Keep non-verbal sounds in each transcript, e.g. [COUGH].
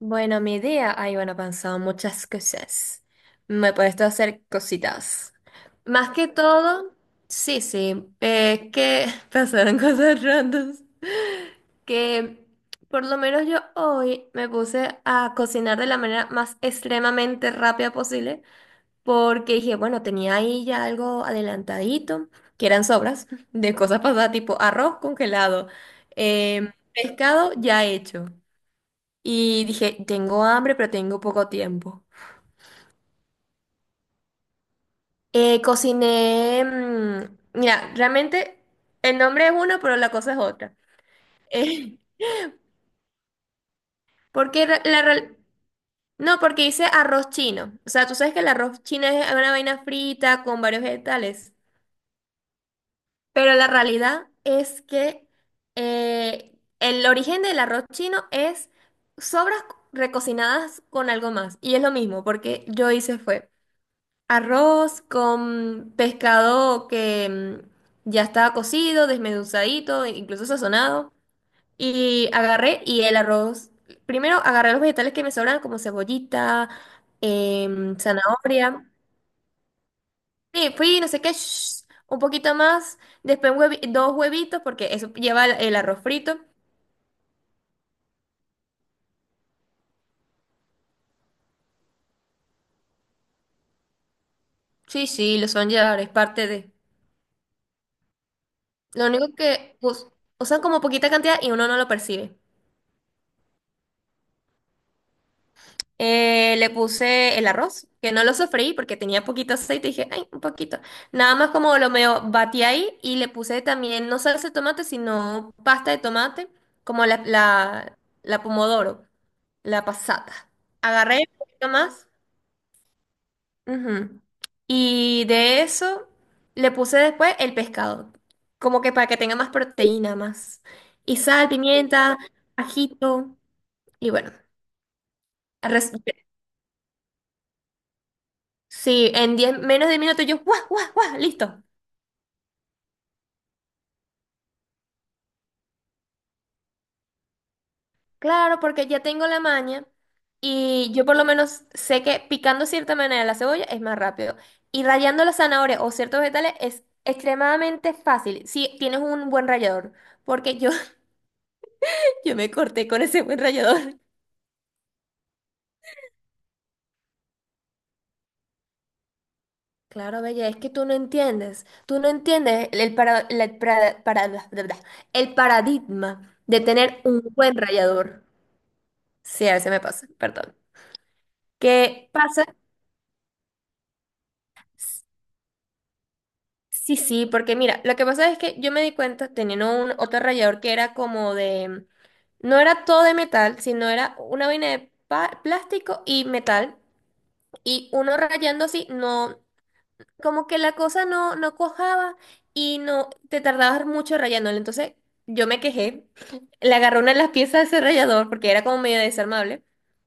Bueno, mi día, ay, bueno, he pensado muchas cosas. Me he puesto a hacer cositas. Más que todo, sí, sí, que [LAUGHS] pasaron cosas randoms. Que por lo menos yo hoy me puse a cocinar de la manera más extremadamente rápida posible, porque dije, bueno, tenía ahí ya algo adelantadito, que eran sobras de cosas pasadas, tipo arroz congelado, pescado ya hecho. Y dije, tengo hambre, pero tengo poco tiempo. Cociné, mira, realmente el nombre es uno, pero la cosa es otra. Eh, [LAUGHS] porque ra- la, real- No, porque hice arroz chino. O sea, tú sabes que el arroz chino es una vaina frita con varios vegetales. Pero la realidad es que el origen del arroz chino es sobras recocinadas con algo más. Y es lo mismo, porque yo hice fue. Arroz con pescado que ya estaba cocido, desmenuzadito, incluso sazonado. Y agarré y el arroz. Primero agarré los vegetales que me sobran, como cebollita, zanahoria. Sí, fui, no sé qué, shh, un poquito más. Después dos huevitos, porque eso lleva el arroz frito. Sí, sí, lo son llevar, es parte de. Lo único que usan como poquita cantidad y uno no lo percibe. Le puse el arroz, que no lo sofreí porque tenía poquito aceite, dije, ay, un poquito. Nada más como lo medio batí ahí y le puse también, no salsa de tomate, sino pasta de tomate, como la pomodoro, la pasata. Agarré un poquito más, ujú, y de eso le puse después el pescado, como que para que tenga más proteína, más. Y sal, pimienta, ajito y bueno, sí, en 10 menos de 10 minutos yo, guau, guau, guau, listo. Claro, porque ya tengo la maña y yo por lo menos sé que picando cierta manera la cebolla es más rápido. Y rallando las zanahorias o ciertos vegetales es extremadamente fácil si tienes un buen rallador, porque yo, [LAUGHS] yo me corté con ese buen rallador. Claro, Bella, es que tú no entiendes el, para, la- para- bla, bla, bla, el paradigma de tener un buen rallador. Sí, a veces me pasa, perdón. ¿Qué pasa? Sí, sí, porque mira, lo que pasa es que yo me di cuenta teniendo un otro rallador que era como de, no era todo de metal, sino era una vaina de plástico y metal, y uno rayando así, no, como que la cosa no, no cuajaba y no, te tardabas mucho rayándolo, entonces yo me quejé, [LAUGHS] le agarré una de las piezas de ese rallador porque era como medio desarmable.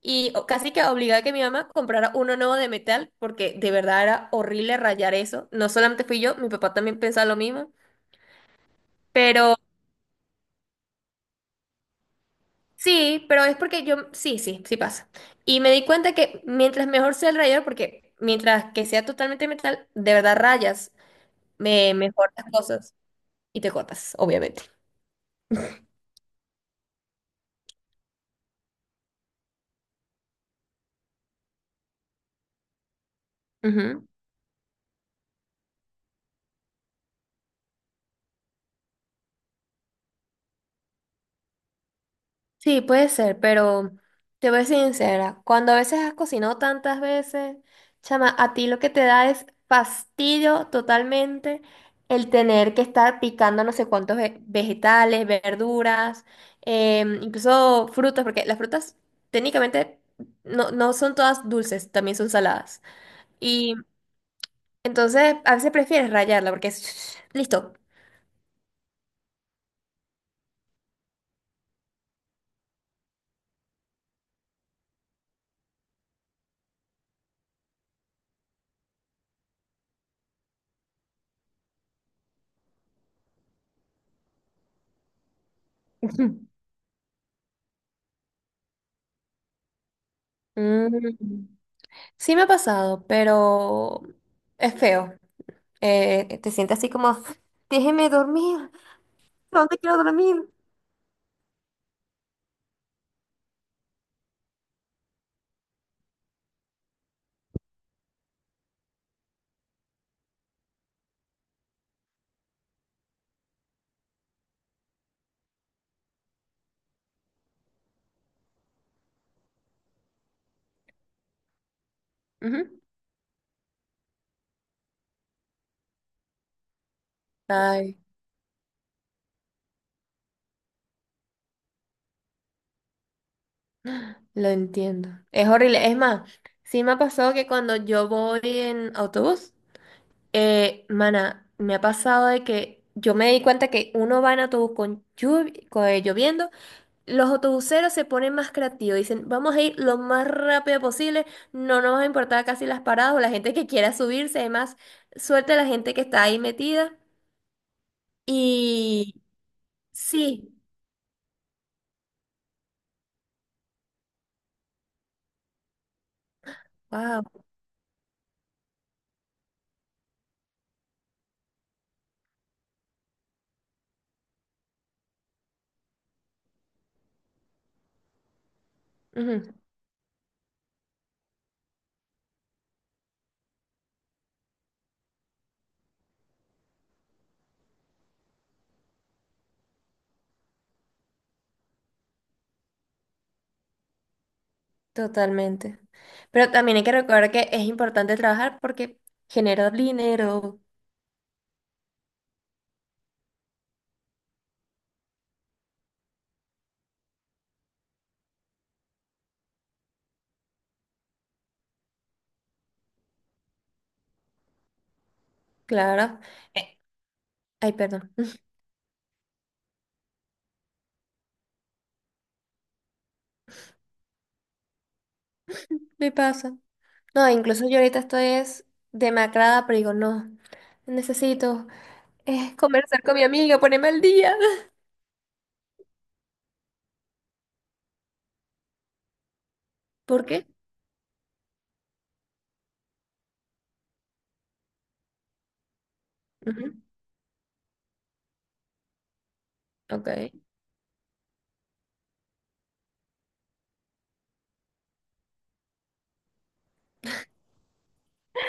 Y casi que obligaba a que mi mamá comprara uno nuevo de metal porque de verdad era horrible rayar eso. No solamente fui yo, mi papá también pensaba lo mismo. Pero sí, pero es porque yo, sí, sí, sí pasa. Y me di cuenta que mientras mejor sea el rayador, porque mientras que sea totalmente metal, de verdad rayas, me mejor las cosas y te cortas, obviamente. Ujú. Sí, puede ser, pero te voy a ser sincera, cuando a veces has cocinado tantas veces, chama, a ti lo que te da es fastidio totalmente el tener que estar picando no sé cuántos vegetales, verduras, incluso frutas, porque las frutas técnicamente no, no son todas dulces, también son saladas. Y entonces a veces prefieres rayarla porque es [SNIFFS] listo. [LAUGHS] Mm. Sí me ha pasado, pero es feo. Te sientes así como, déjeme dormir, ¿dónde quiero dormir? Ujú. Ay, lo entiendo. Es horrible. Es más, sí me ha pasado que cuando yo voy en autobús, mana, me ha pasado de que yo me di cuenta que uno va en autobús con lloviendo, los autobuseros se ponen más creativos, dicen, vamos a ir lo más rápido posible, no nos va a importar casi las paradas o la gente que quiera subirse, además, suerte a la gente que está ahí metida. Y sí. Wow, ujú, totalmente. Pero también hay que recordar que es importante trabajar porque genera dinero, claro. Eh, Ay, perdón, [LAUGHS] me pasa. No, incluso yo ahorita estoy es demacrada, pero digo, no, necesito conversar con mi amiga, ponerme al día. [LAUGHS] ¿Por qué? Ujú, ok.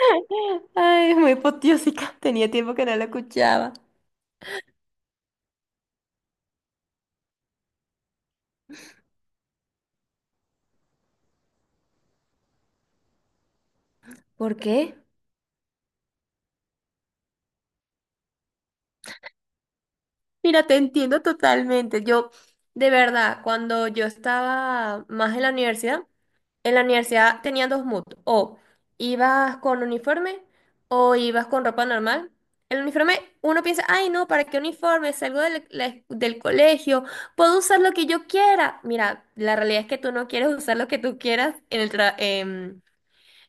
[LAUGHS] Ay, muy potiósica. [LAUGHS] Tenía tiempo que no la escuchaba. ¿Por qué? Mira, te entiendo totalmente. Yo, de verdad, cuando yo estaba más en la universidad, en la universidad tenían dos moods, o ibas con uniforme o ibas con ropa normal. El uniforme, uno piensa, ay no, ¿para qué uniforme? Salgo del colegio, puedo usar lo que yo quiera. Mira, la realidad es que tú no quieres usar lo que tú quieras en el trabajo.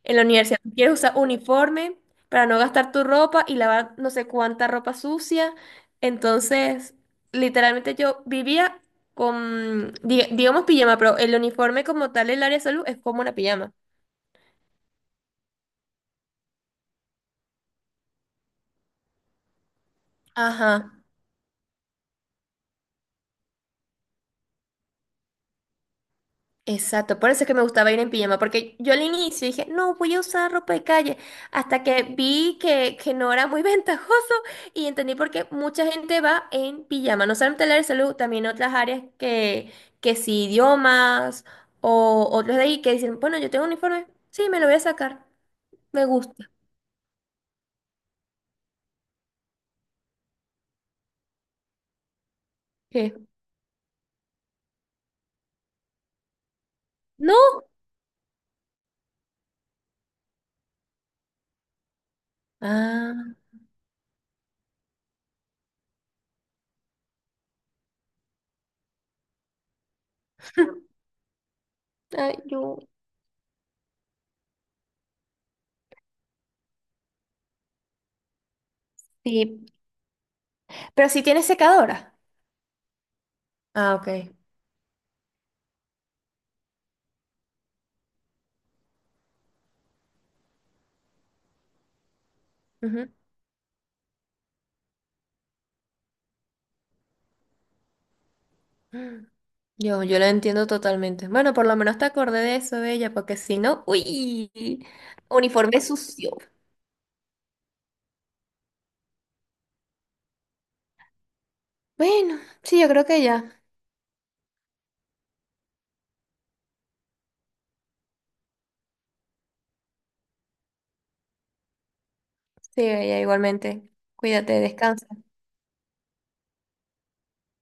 En la universidad tú quieres usar uniforme para no gastar tu ropa y lavar no sé cuánta ropa sucia. Entonces, literalmente yo vivía con, digamos, pijama, pero el uniforme como tal, el área de salud es como una pijama. Ajá. Exacto, por eso es que me gustaba ir en pijama, porque yo al inicio dije, no, voy a usar ropa de calle, hasta que vi que no era muy [LAUGHS] ventajoso y entendí por qué mucha gente va en pijama, no solamente el área de salud, también otras áreas que sí, idiomas o otros de ahí que dicen, bueno, yo tengo un uniforme, sí, me lo voy a sacar, me gusta. ¿Qué? ¿No? Ah, [LAUGHS] ay, yo. Sí, pero si tienes secadora. Ah, ok. Yo la entiendo totalmente. Bueno, por lo menos te acordé de eso, Bella, porque si no, uy, uniforme sucio. Bueno, sí, yo creo que ya. Sí, Bella, igualmente. Cuídate, descansa.